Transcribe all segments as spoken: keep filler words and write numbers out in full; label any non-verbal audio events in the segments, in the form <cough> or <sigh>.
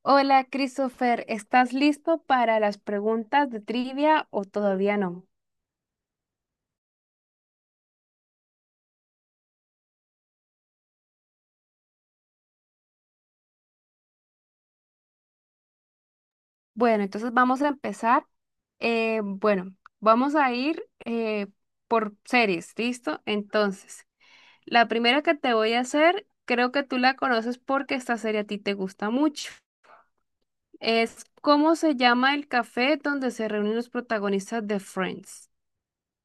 Hola, Christopher, ¿estás listo para las preguntas de trivia o todavía no? Bueno, entonces vamos a empezar. Eh, bueno, vamos a ir eh, por series, ¿listo? Entonces, la primera que te voy a hacer, creo que tú la conoces porque esta serie a ti te gusta mucho. Es ¿Cómo se llama el café donde se reúnen los protagonistas de Friends?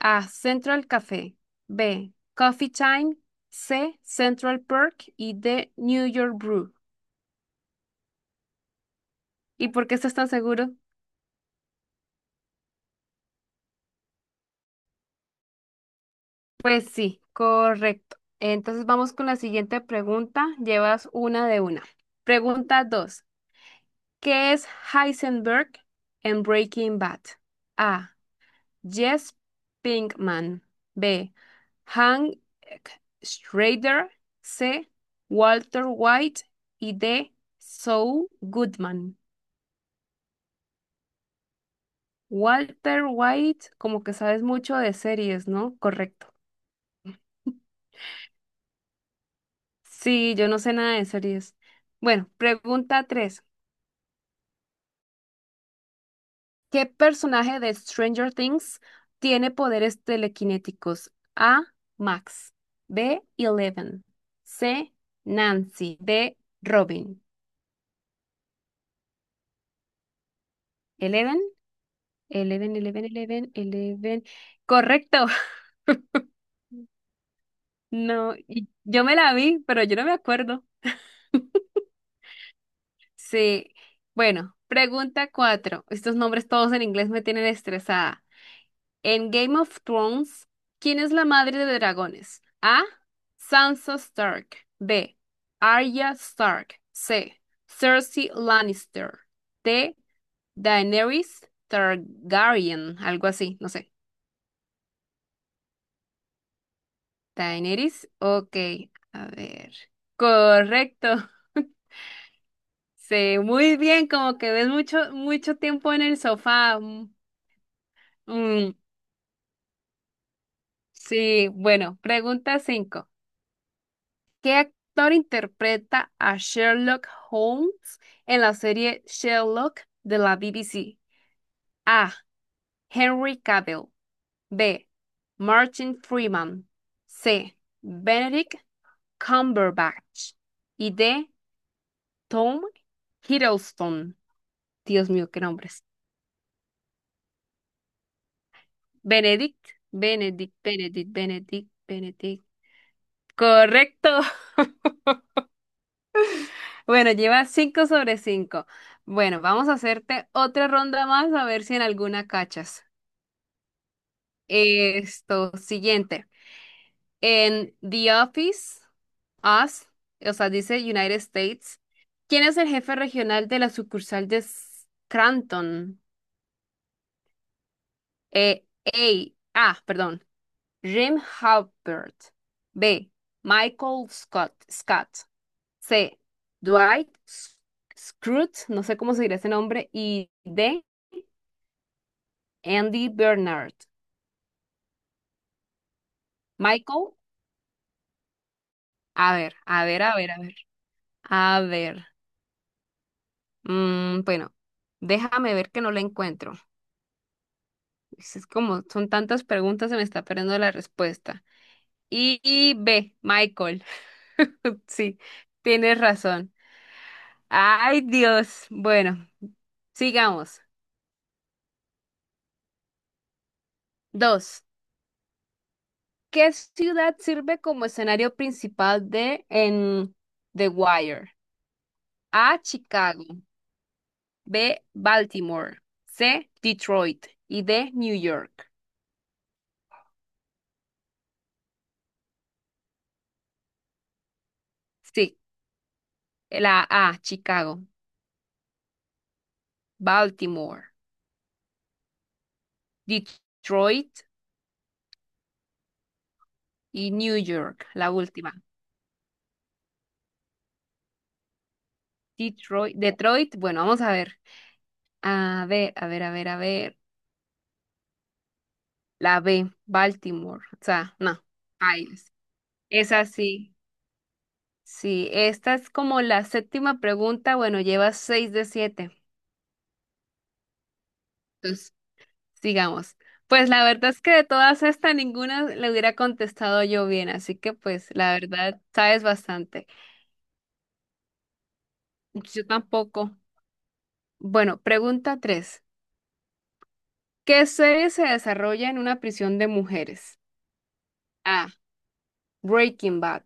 A. Central Café. B. Coffee Time. C. Central Perk. Y D. New York Brew. ¿Y por qué estás tan seguro? Pues sí, correcto. Entonces vamos con la siguiente pregunta. Llevas una de una. Pregunta dos. ¿Qué es Heisenberg en Breaking Bad? A. Jess Pinkman. B. Hank Schrader. C. Walter White. Y D. Saul Goodman. Walter White, como que sabes mucho de series, ¿no? Correcto. <laughs> Sí, yo no sé nada de series. Bueno, pregunta tres. ¿Qué personaje de Stranger Things tiene poderes telequinéticos? A. Max. B. Eleven. C. Nancy. D. Robin. Eleven. Eleven, Eleven, Eleven, Eleven. Correcto. <laughs> No, y yo me la vi, pero yo no me acuerdo. Sí. Bueno, pregunta cuatro. Estos nombres todos en inglés me tienen estresada. En Game of Thrones, ¿quién es la madre de dragones? A. Sansa Stark. B. Arya Stark. C. Cersei Lannister. D. Daenerys Targaryen. Algo así, no sé. Daenerys, ok. A ver. Correcto. Sí, muy bien, como que ves mucho, mucho tiempo en el sofá. Mm. Mm. Sí, bueno, pregunta cinco. ¿Qué actor interpreta a Sherlock Holmes en la serie Sherlock de la B B C? A. Henry Cavill. B. Martin Freeman. C. Benedict Cumberbatch. Y D. Tom Hiddleston. Dios mío, qué nombres. Benedict, Benedict, Benedict, Benedict, Benedict. Correcto. Bueno, lleva cinco sobre cinco. Bueno, vamos a hacerte otra ronda más a ver si en alguna cachas. Esto, siguiente. En The Office, Us, o sea, dice United States. ¿Quién es el jefe regional de la sucursal de Scranton? Eh, A. A, perdón. Jim Halpert. B. Michael Scott. Scott. C. Dwight S- Schrute, no sé cómo se dirá ese nombre. Y D. Andy Bernard. Michael, a ver, a ver, a ver, a ver. A ver. mm, bueno, déjame ver que no la encuentro. Es es como son tantas preguntas, se me está perdiendo la respuesta. Y, y B, Michael. <laughs> Sí, tienes razón. Ay, Dios. Bueno, sigamos. Dos. ¿Qué ciudad sirve como escenario principal de en The Wire? A, Chicago. B, Baltimore. C, Detroit. Y D, New York. Sí, la A, Chicago, Baltimore, Detroit y New York, la última. Detroit, Detroit, bueno, vamos a ver. A ver, a ver, a ver, a ver. La B, Baltimore. O sea, no, bailes. Es así. Sí, sí, esta es como la séptima pregunta. Bueno, llevas seis de siete. Sigamos. Pues la verdad es que de todas estas, ninguna le hubiera contestado yo bien, así que pues la verdad sabes bastante. Yo tampoco. Bueno, pregunta tres. ¿Qué serie se desarrolla en una prisión de mujeres? A. Breaking Bad.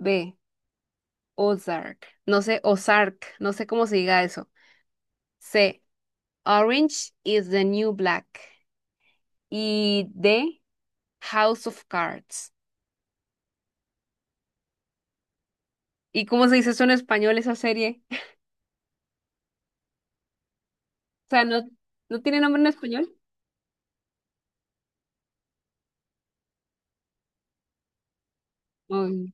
B. Ozark. No sé, Ozark. No sé cómo se diga eso. C. Orange is the New Black. Y D. House of Cards. ¿Y cómo se dice eso en español, esa serie? <laughs> O sea, no, no tiene nombre en español. Um,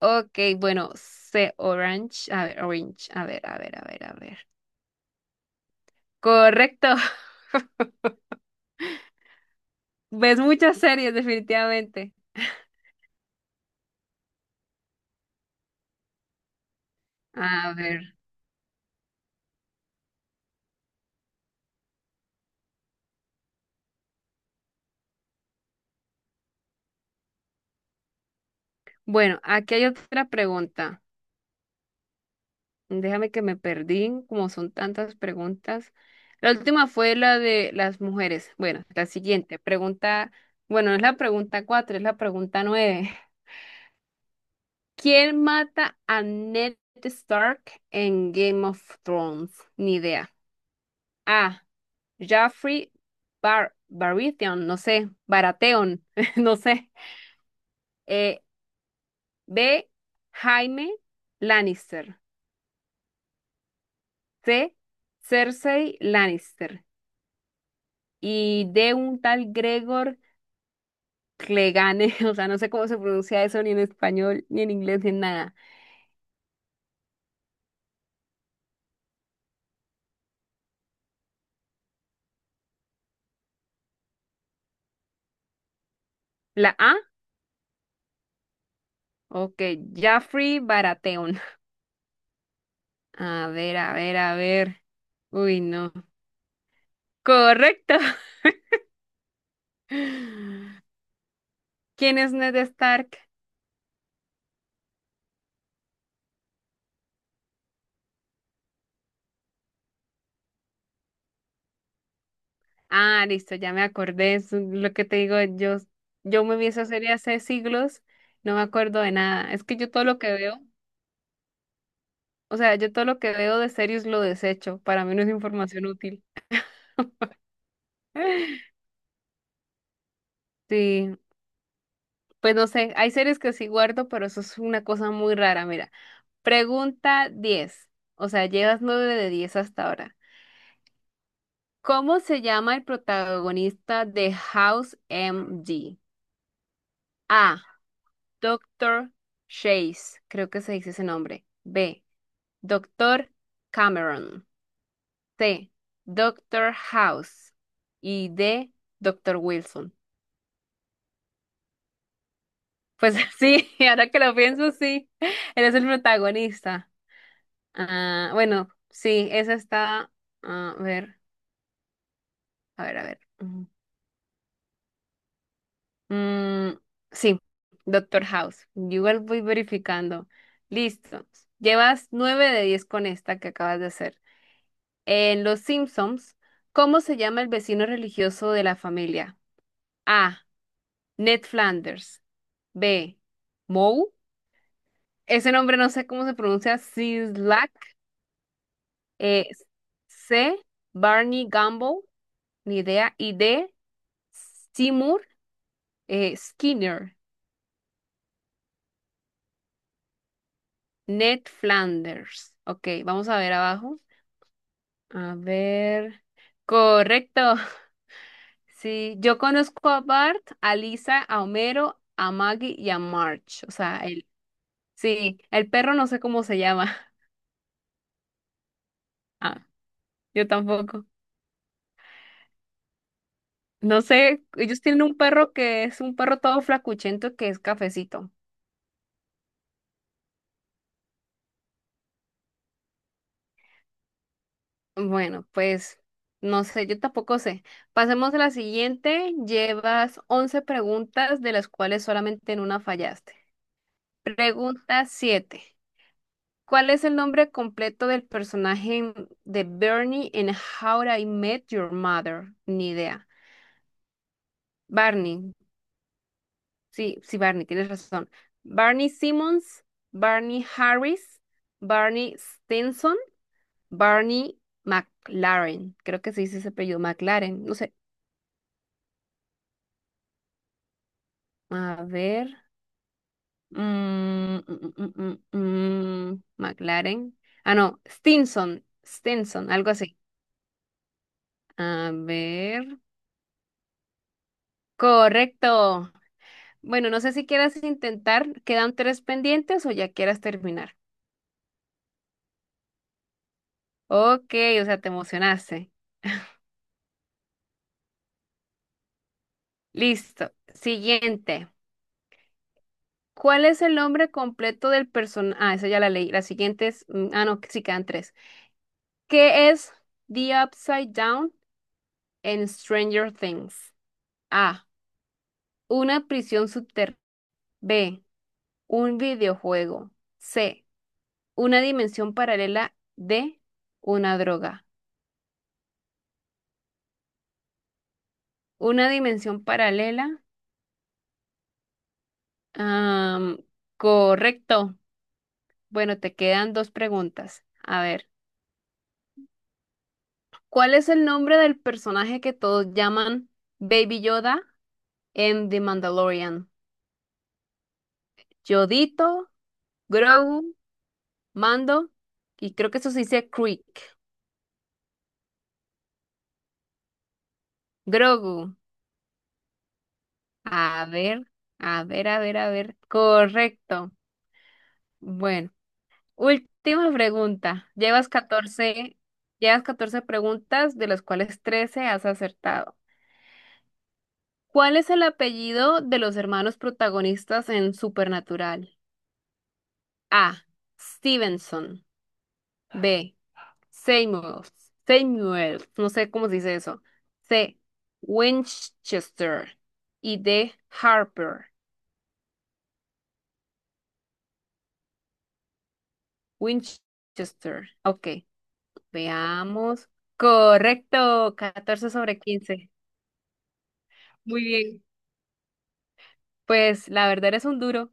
ok, bueno, C, Orange. A ver, Orange. A ver, a ver, a ver, a ver. Correcto. <laughs> Ves muchas series, definitivamente. A ver. Bueno, aquí hay otra pregunta. Déjame que me perdí, como son tantas preguntas. La última fue la de las mujeres. Bueno, la siguiente pregunta. Bueno, no es la pregunta cuatro, es la pregunta nueve. ¿Quién mata a Ned Stark en Game of Thrones? Ni idea. A. Jaffrey Bar Baratheon, no sé, Baratheon, <laughs> no sé. Eh, B. Jaime Lannister. C. Cersei Lannister. Y D. Un tal Gregor Clegane, <laughs> o sea, no sé cómo se pronuncia eso ni en español, ni en inglés, ni en nada. La A. Ok, Jaffrey Baratheon. <laughs> A ver, a ver, a ver. Uy, no. Correcto. <laughs> ¿Quién es Ned Stark? Ah, listo, ya me acordé, es lo que te digo, yo, yo me vi esa serie hace siglos, no me acuerdo de nada, es que yo todo lo que veo, o sea, yo todo lo que veo de series lo desecho, para mí no es información útil. <laughs> Sí, pues no sé, hay series que sí guardo, pero eso es una cosa muy rara, mira. Pregunta diez, o sea, llevas nueve de diez hasta ahora. ¿Cómo se llama el protagonista de House M D? A. Doctor Chase, creo que se dice ese nombre. B. Doctor Cameron. C. Doctor House. Y D. Doctor Wilson. Pues <laughs> sí, ahora que lo pienso, sí. Él es el protagonista. Ah, bueno, sí, esa está. A ver, a ver, a ver. Ujú. Mm, sí, Doctor House. Yo igual voy verificando. Listo. Llevas nueve de diez con esta que acabas de hacer. En Los Simpsons, ¿cómo se llama el vecino religioso de la familia? A. Ned Flanders. B. Moe. Ese nombre no sé cómo se pronuncia. Sislak. Eh, C. Barney Gumble. Ni idea. Y D. Seymour eh, Skinner. Ned Flanders. Ok, vamos a ver abajo. A ver. Correcto. <laughs> Sí, yo conozco a Bart, a Lisa, a Homero, a Maggie y a March. O sea, el, sí, el perro no sé cómo se llama. <laughs> Ah, yo tampoco. No sé, ellos tienen un perro que es un perro todo flacuchento que es cafecito. Bueno, pues no sé, yo tampoco sé. Pasemos a la siguiente. Llevas once preguntas, de las cuales solamente en una fallaste. Pregunta siete. ¿Cuál es el nombre completo del personaje en- de Bernie en How I Met Your Mother? Ni idea. Barney. Sí, sí, Barney, tienes razón. Barney Simmons, Barney Harris, Barney Stinson. Barney McLaren, creo que se dice ese apellido, McLaren, no sé. A ver. mm, mm, mm, mm, mm, mm, McLaren. Ah, no, Stinson, Stinson, algo así. A ver. Correcto. Bueno, no sé si quieras intentar, quedan tres pendientes o ya quieras terminar. Ok, o sea, te emocionaste. Listo. Siguiente. ¿Cuál es el nombre completo del personaje? Ah, esa ya la leí. La siguiente es, mm, ah, no, sí quedan tres. ¿Qué es The Upside Down en Stranger Things? A. Una prisión subterránea. B. Un videojuego. C. Una dimensión paralela. D. Una droga. Una dimensión paralela. am, correcto. Bueno, te quedan dos preguntas. A ver, ¿cuál es el nombre del personaje que todos llaman Baby Yoda en The Mandalorian? ¿Yodito? ¿Grogu? Mando, y creo que eso se dice Creek. Grogu. A ver, a ver, a ver, a ver. Correcto. Bueno, última pregunta. Llevas catorce llevas catorce preguntas, de las cuales trece has acertado. ¿Cuál es el apellido de los hermanos protagonistas en Supernatural? A. Stevenson. B. Seymour, Seymour, no sé cómo se dice eso. C. Winchester y D. Harper. Winchester. Ok, veamos. Correcto. Catorce sobre quince. Muy bien. Pues la verdad eres un duro.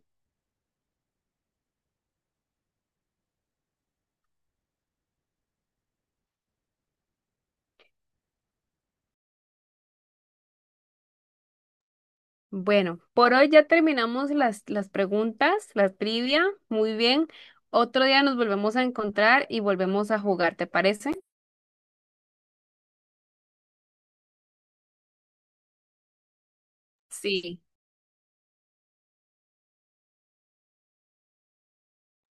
Bueno, por hoy ya terminamos las, las preguntas, la trivia. Muy bien. Otro día nos volvemos a encontrar y volvemos a jugar, ¿te parece? Sí.